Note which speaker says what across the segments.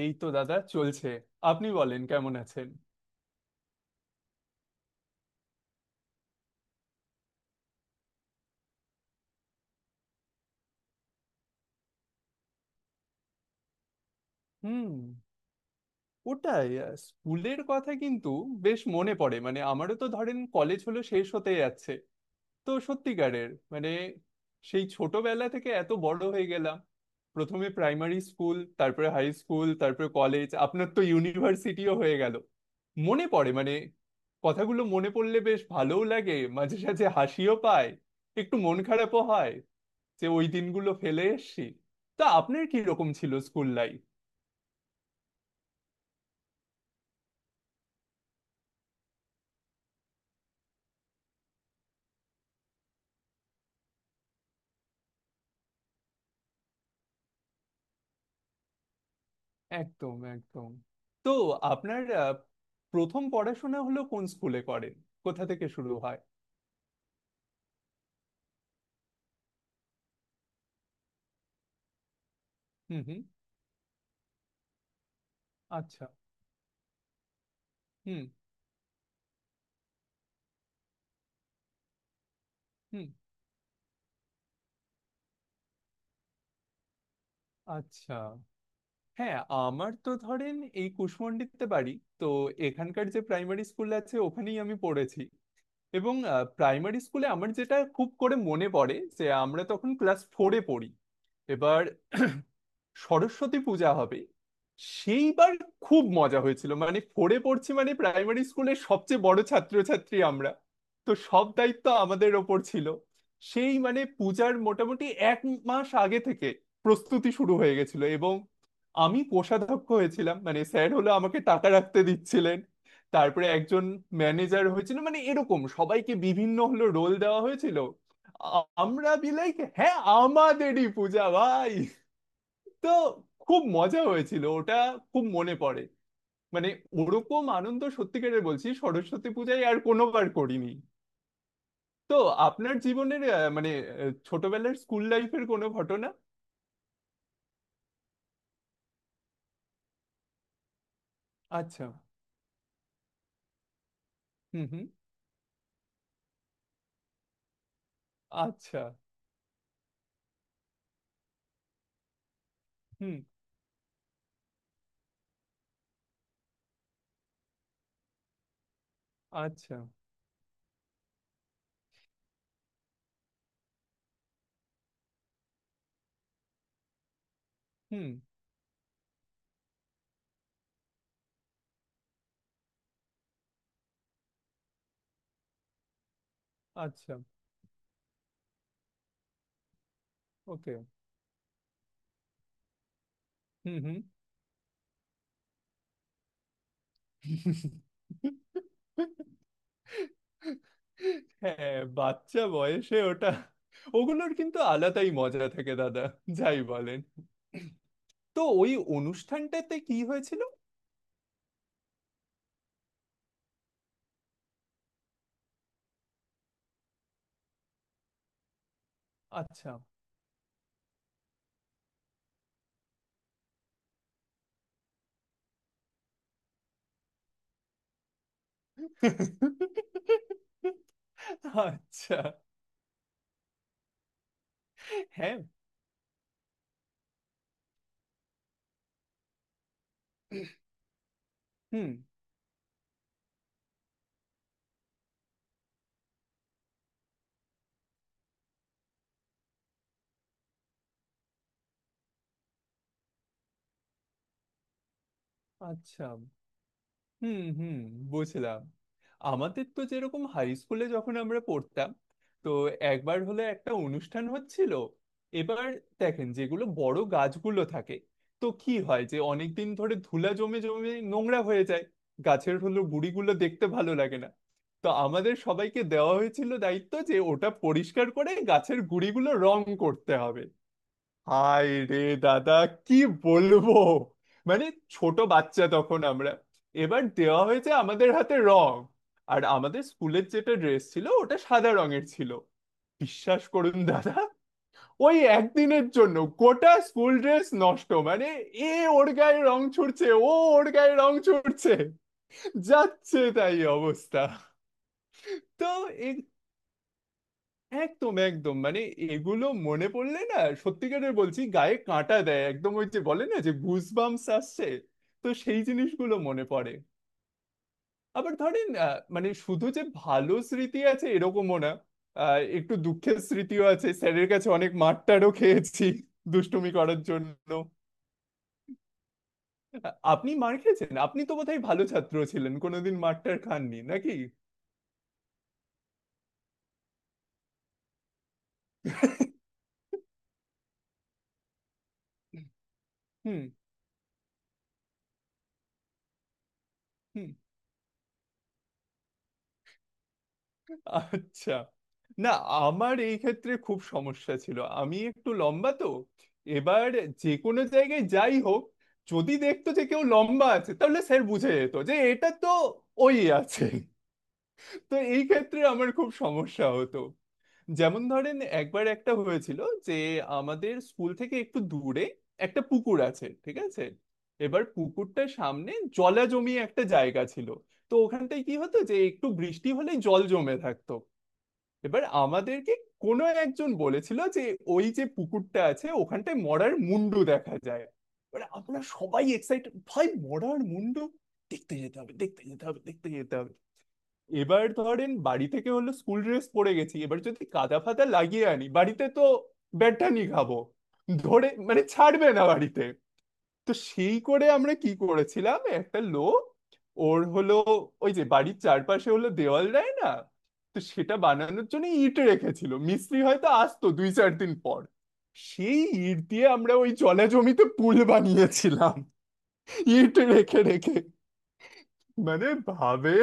Speaker 1: এই তো দাদা চলছে। আপনি বলেন কেমন আছেন? হুম। ওটাই স্কুলের কথা কিন্তু বেশ মনে পড়ে। মানে আমারও তো ধরেন কলেজ হলো শেষ হতে যাচ্ছে, তো সত্যিকারের মানে সেই ছোটবেলা থেকে এত বড় হয়ে গেলাম। প্রথমে প্রাইমারি স্কুল, তারপরে হাই স্কুল, তারপরে কলেজ, আপনার তো ইউনিভার্সিটিও হয়ে গেল। মনে পড়ে মানে, কথাগুলো মনে পড়লে বেশ ভালোও লাগে, মাঝে সাঝে হাসিও পায়, একটু মন খারাপও হয় যে ওই দিনগুলো ফেলে এসেছি। তা আপনার কি রকম ছিল স্কুল লাইফ? একদম একদম। তো আপনার প্রথম পড়াশোনা হলো কোন স্কুলে করেন? কোথা থেকে শুরু হয়? হুম হুম। আচ্ছা। হুম হুম। আচ্ছা। হ্যাঁ, আমার তো ধরেন এই কুশমন্ডিতে বাড়ি, তো এখানকার যে প্রাইমারি স্কুল আছে ওখানেই আমি পড়েছি এবং প্রাইমারি স্কুলে আমার যেটা খুব করে মনে পড়ে যে আমরা তখন ক্লাস ফোরে পড়ি। এবার সরস্বতী পূজা হবে, সেইবার খুব মজা হয়েছিল। মানে ফোরে পড়ছি, মানে প্রাইমারি স্কুলের সবচেয়ে বড় ছাত্রছাত্রী আমরা, তো সব দায়িত্ব আমাদের ওপর ছিল। সেই মানে পূজার মোটামুটি এক মাস আগে থেকে প্রস্তুতি শুরু হয়ে গেছিল এবং আমি কোষাধ্যক্ষ হয়েছিলাম। মানে স্যার হলো আমাকে টাকা রাখতে দিচ্ছিলেন, তারপরে একজন ম্যানেজার হয়েছিল, মানে এরকম সবাইকে বিভিন্ন হলো রোল দেওয়া হয়েছিল। আমরা বিলাইক, হ্যাঁ আমাদেরই পূজা ভাই। তো খুব মজা হয়েছিল ওটা, খুব মনে পড়ে। মানে ওরকম আনন্দ সত্যিকারের বলছি সরস্বতী পূজায় আর কোনোবার করিনি। তো আপনার জীবনের মানে ছোটবেলার স্কুল লাইফের কোনো ঘটনা? আচ্ছা। হুম হুম। আচ্ছা। হুম। আচ্ছা। হুম। আচ্ছা। ওকে। হুম হুম। হ্যাঁ, বাচ্চা বয়সে ওটা, ওগুলোর কিন্তু আলাদাই মজা থাকে দাদা, যাই বলেন। তো ওই অনুষ্ঠানটাতে কি হয়েছিল? আচ্ছা আচ্ছা। হ্যাঁ। হুম। আচ্ছা। হুম হুম। বুঝলাম। আমাদের তো যেরকম হাই স্কুলে যখন আমরা পড়তাম, তো একবার হলে একটা অনুষ্ঠান হচ্ছিল। এবার দেখেন যেগুলো বড় গাছগুলো থাকে, তো কি হয় যে অনেকদিন ধরে ধুলা জমে জমে নোংরা হয়ে যায়, গাছের হলো গুড়িগুলো দেখতে ভালো লাগে না। তো আমাদের সবাইকে দেওয়া হয়েছিল দায়িত্ব যে ওটা পরিষ্কার করে গাছের গুড়িগুলো রং করতে হবে। হায় রে দাদা, কি বলবো। মানে ছোট বাচ্চা তখন আমরা, এবার দেওয়া হয়েছে আমাদের হাতে রং, আর আমাদের স্কুলের যেটা ড্রেস ছিল ওটা সাদা রঙের ছিল। বিশ্বাস করুন দাদা, ওই একদিনের জন্য গোটা স্কুল ড্রেস নষ্ট। মানে এ ওর গায়ে রং ছুড়ছে, ও ওর গায়ে রং ছুড়ছে, যাচ্ছে তাই অবস্থা। তো এই একদম একদম মানে এগুলো মনে পড়লে না, সত্যিকারের বলছি গায়ে কাঁটা দেয় একদম, ওই যে বলে না যে গুজবাম্পস আসছে, তো সেই জিনিসগুলো মনে পড়ে। আবার ধরেন মানে শুধু যে ভালো স্মৃতি আছে এরকমও না, একটু দুঃখের স্মৃতিও আছে, স্যারের কাছে অনেক মারটারও খেয়েছি দুষ্টুমি করার জন্য। আপনি মার খেয়েছেন? আপনি তো বোধহয় ভালো ছাত্র ছিলেন, কোনোদিন মারটার খাননি নাকি? হুম হুম। আচ্ছা। না, আমার এই ক্ষেত্রে খুব সমস্যা ছিল, আমি একটু লম্বা তো, এবার যে কোনো জায়গায় যাই হোক, যদি দেখতো যে কেউ লম্বা আছে তাহলে স্যার বুঝে যেত যে এটা তো ওই আছে। তো এই ক্ষেত্রে আমার খুব সমস্যা হতো। যেমন ধরেন একবার একটা হয়েছিল যে আমাদের স্কুল থেকে একটু দূরে একটা পুকুর আছে, ঠিক আছে? এবার পুকুরটার সামনে জলা জমি একটা জায়গা ছিল, তো ওখানটায় কি হতো যে একটু বৃষ্টি হলে জল জমে থাকতো। এবার আমাদেরকে কোনো একজন বলেছিল যে ওই যে পুকুরটা আছে ওখানটায় মরার মুন্ডু দেখা যায়। এবার আমরা সবাই এক্সাইটেড, ভাই মরার মুন্ডু দেখতে যেতে হবে দেখতে যেতে হবে দেখতে যেতে হবে। এবার ধরেন বাড়ি থেকে হলো স্কুল ড্রেস পরে গেছি, এবার যদি কাদা ফাদা লাগিয়ে আনি বাড়িতে তো ব্যাটানি খাবো, ধরে মানে ছাড়বে না বাড়িতে। তো সেই করে আমরা কি করেছিলাম, একটা লোক ওর হলো ওই যে বাড়ির চারপাশে হলো দেওয়াল দেয় না, তো সেটা বানানোর জন্য ইট রেখেছিল, মিস্ত্রি হয়তো আসতো দুই চার দিন পর। সেই ইট দিয়ে আমরা ওই জলা জমিতে পুল বানিয়েছিলাম, ইট রেখে রেখে। মানে ভাবে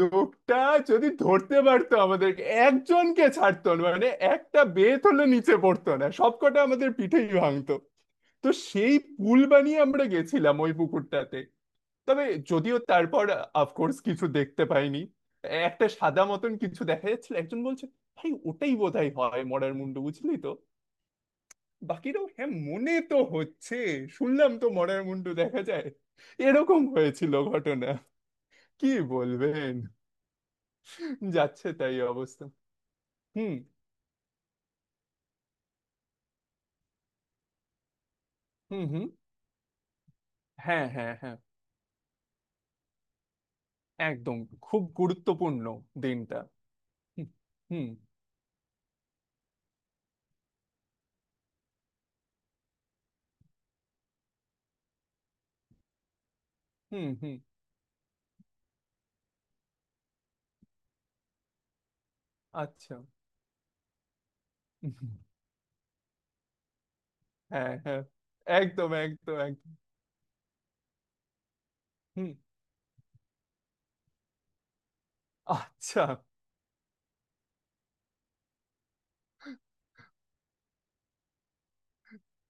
Speaker 1: লোকটা যদি ধরতে পারতো আমাদেরকে একজনকে ছাড়তো না, মানে একটা বেত হলে নিচে পড়তো না, সবকটা আমাদের পিঠেই ভাঙতো। তো সেই পুল বানিয়ে আমরা গেছিলাম ওই পুকুরটাতে। তবে যদিও তারপর অফকোর্স কিছু দেখতে পাইনি, একটা সাদা মতন কিছু দেখা যাচ্ছিল, একজন বলছে ভাই ওটাই বোধহয় হয় মরার মুন্ডু, বুঝলি তো। বাকিরাও হ্যাঁ মনে তো হচ্ছে, শুনলাম তো মরার মুন্ডু দেখা যায়। এরকম হয়েছিল ঘটনা, কি বলবেন? যাচ্ছে তাই অবস্থা। হুম হুম। হুম। হ্যাঁ হ্যাঁ হ্যাঁ। একদম খুব গুরুত্বপূর্ণ দিনটা। হুম হুম। হুম হুম। আচ্ছা। হুম। হ্যাঁ হ্যাঁ। একদম একদম একদম। হুম। আচ্ছা।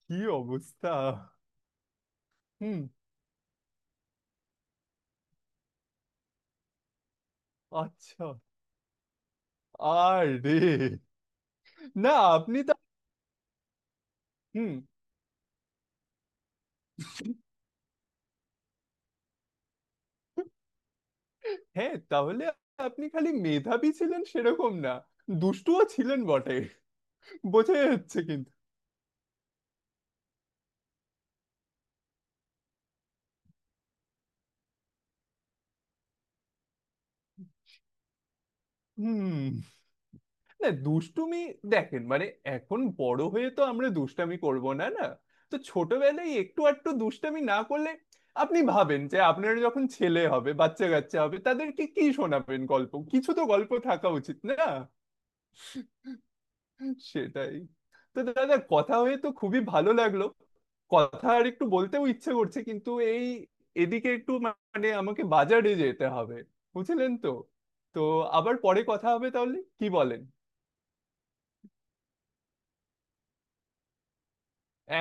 Speaker 1: কি অবস্থা। হুম। আচ্ছা। আরে না, আপনি তা। হুম। হ্যাঁ তাহলে আপনি খালি মেধাবী ছিলেন সেরকম না, দুষ্টুও ছিলেন বটে, বোঝা যাচ্ছে কিন্তু। হুম। না দুষ্টুমি দেখেন মানে, এখন বড় হয়ে তো আমরা দুষ্টামি করব না, না? তো ছোটবেলায় একটু আধটু দুষ্টামি না করলে, আপনি ভাবেন যে আপনার যখন ছেলে হবে, বাচ্চা কাচ্চা হবে, তাদেরকে কি শোনাবেন গল্প? কিছু তো গল্প থাকা উচিত না? সেটাই। তো দাদা কথা হয়ে তো খুবই ভালো লাগলো, কথা আর একটু বলতেও ইচ্ছে করছে, কিন্তু এই এদিকে একটু মানে আমাকে বাজারে যেতে হবে, বুঝলেন তো। তো আবার পরে কথা হবে তাহলে, কি বলেন?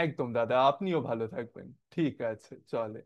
Speaker 1: একদম দাদা, আপনিও ভালো থাকবেন, ঠিক আছে চলে